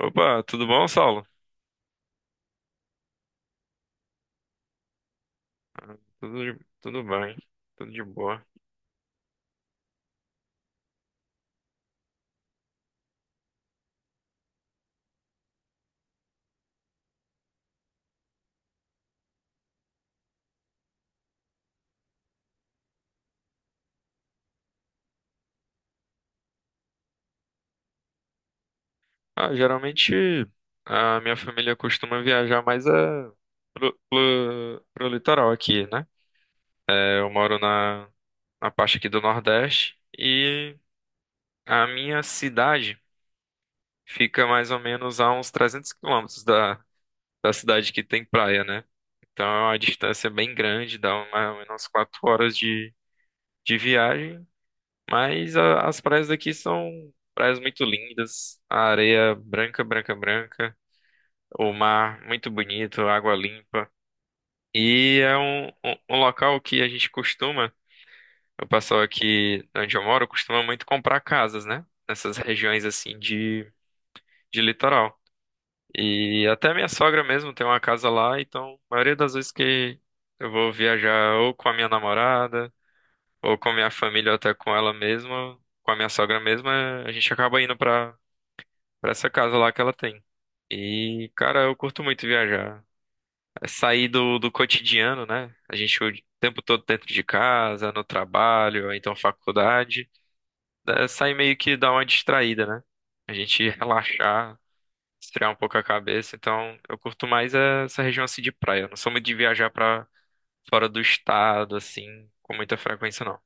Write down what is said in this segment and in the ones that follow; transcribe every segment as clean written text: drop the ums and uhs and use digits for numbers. Opa, tudo bom, Saulo? Ah, tudo, tudo bem, tudo de boa. Ah, geralmente a minha família costuma viajar mais pro litoral aqui, né? É, eu moro na parte aqui do Nordeste e a minha cidade fica mais ou menos a uns 300 quilômetros da cidade que tem praia, né? Então é uma distância bem grande, dá mais ou menos 4 horas de viagem. Mas as praias daqui são praias muito lindas, a areia branca, branca, branca, o mar muito bonito, água limpa. E é um local que a gente costuma, o pessoal aqui onde eu moro costuma muito comprar casas, né? Nessas regiões assim de litoral. E até minha sogra mesmo tem uma casa lá, então a maioria das vezes que eu vou viajar ou com a minha namorada, ou com a minha família, ou até com ela mesma, com a minha sogra mesma, a gente acaba indo pra essa casa lá que ela tem. E, cara, eu curto muito viajar. É sair do cotidiano, né? A gente o tempo todo dentro de casa, no trabalho, ou então faculdade. É sair meio que dar uma distraída, né? A gente relaxar, esfriar um pouco a cabeça. Então, eu curto mais é essa região assim de praia. Eu não sou muito de viajar pra fora do estado, assim, com muita frequência, não.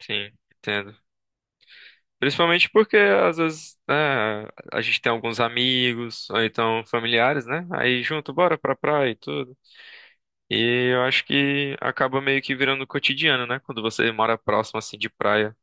Sim, entendo. Principalmente porque às vezes, né, a gente tem alguns amigos, ou então familiares, né? Aí junto, bora pra praia e tudo. E eu acho que acaba meio que virando cotidiano, né? Quando você mora próximo assim de praia,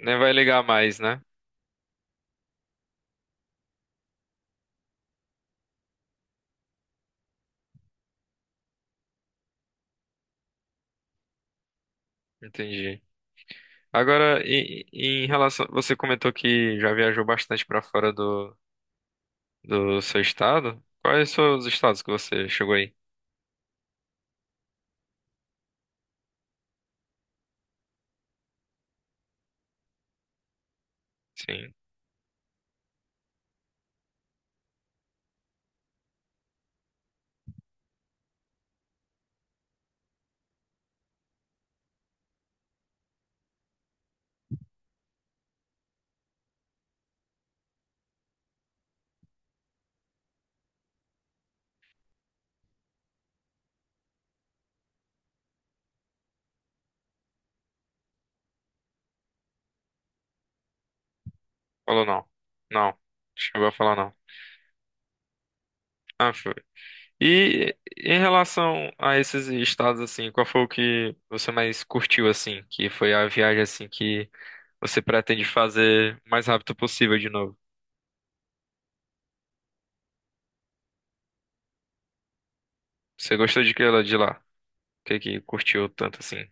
nem vai ligar mais, né? Entendi. Agora, e em relação, você comentou que já viajou bastante pra fora do seu estado. Quais são os estados que você chegou aí? Sim. Falou não. Não. Chegou a falar não. Ah, foi. E em relação a esses estados assim, qual foi o que você mais curtiu assim, que foi a viagem assim que você pretende fazer o mais rápido possível de novo? Você gostou de que ela de lá? O que que curtiu tanto assim?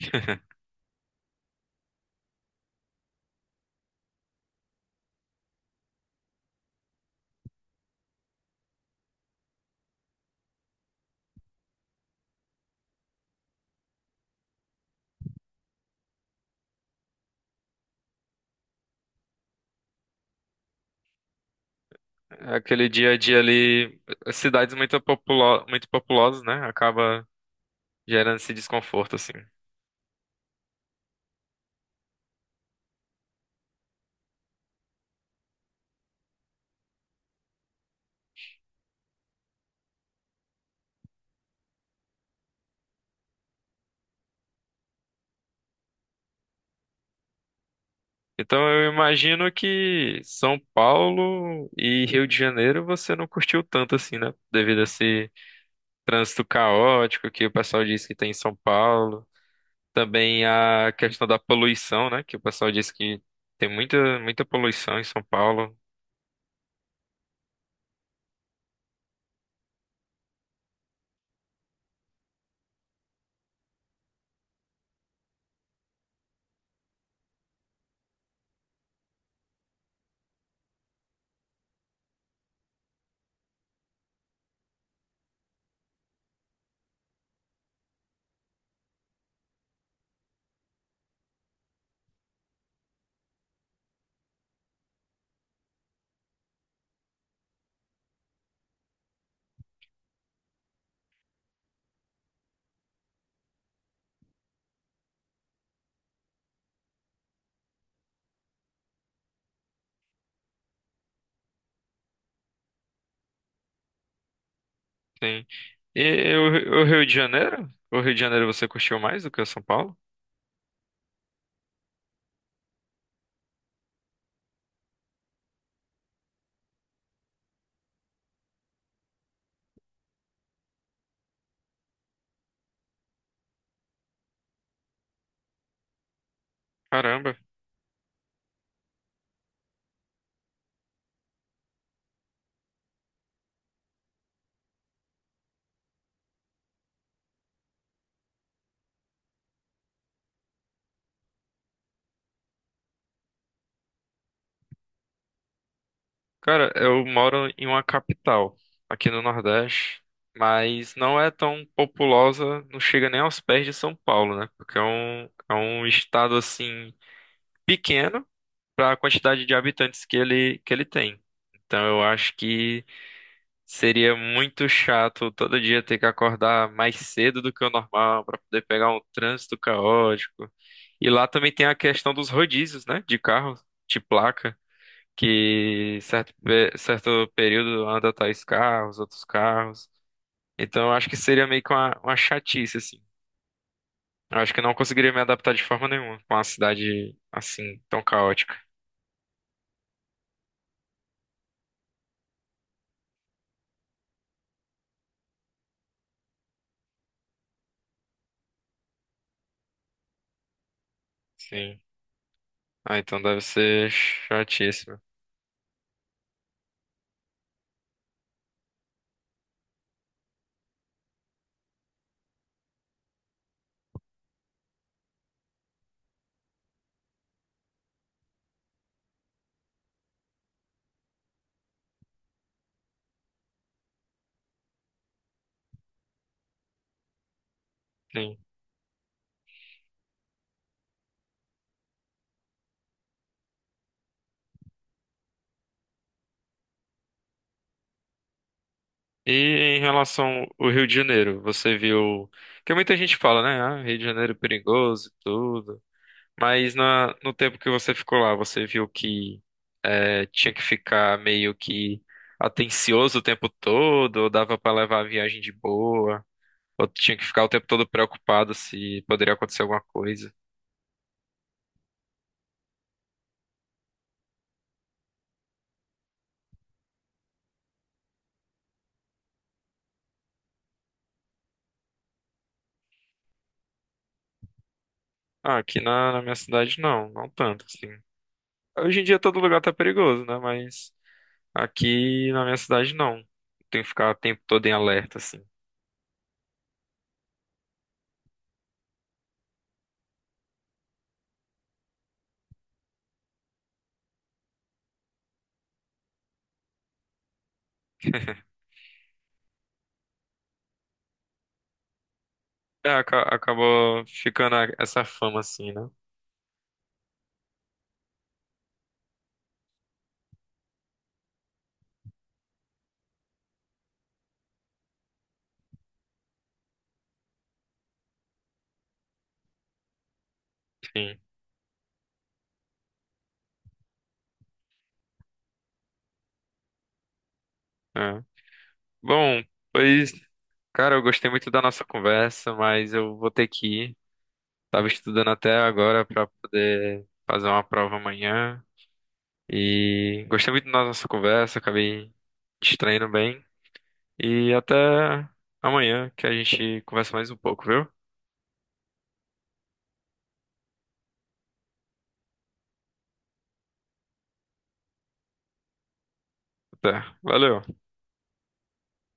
Aquele dia a dia ali, cidades muito populosas, né? Acaba gerando esse desconforto assim. Então eu imagino que São Paulo e Rio de Janeiro você não curtiu tanto assim, né? Devido a esse trânsito caótico que o pessoal diz que tem em São Paulo. Também a questão da poluição, né? Que o pessoal diz que tem muita, muita poluição em São Paulo. Tem. E o Rio de Janeiro? O Rio de Janeiro você curtiu mais do que o São Paulo? Caramba. Cara, eu moro em uma capital, aqui no Nordeste, mas não é tão populosa, não chega nem aos pés de São Paulo, né? Porque é um estado assim pequeno, para a quantidade de habitantes que ele tem. Então eu acho que seria muito chato todo dia ter que acordar mais cedo do que o normal para poder pegar um trânsito caótico. E lá também tem a questão dos rodízios, né, de carro, de placa, que certo período anda tais carros, outros carros. Então eu acho que seria meio que uma chatice, assim. Eu acho que eu não conseguiria me adaptar de forma nenhuma com uma cidade assim tão caótica. Sim. Ah, então deve ser chatíssimo. Sim. E em relação ao Rio de Janeiro, você viu, porque muita gente fala, né? Ah, Rio de Janeiro é perigoso e tudo. Mas na... no tempo que você ficou lá, você viu que é, tinha que ficar meio que atencioso o tempo todo, ou dava pra levar a viagem de boa, ou tinha que ficar o tempo todo preocupado se poderia acontecer alguma coisa. Ah, aqui na minha cidade não, não tanto, assim. Hoje em dia todo lugar tá perigoso, né? Mas, aqui na minha cidade não, tem que ficar o tempo todo em alerta, assim. É, acabou ficando essa fama, assim, né? Sim. É. Bom, pois, cara, eu gostei muito da nossa conversa, mas eu vou ter que ir. Tava estudando até agora pra poder fazer uma prova amanhã. E gostei muito da nossa conversa, acabei distraindo bem. E até amanhã que a gente conversa mais um pouco, viu? Até. Valeu.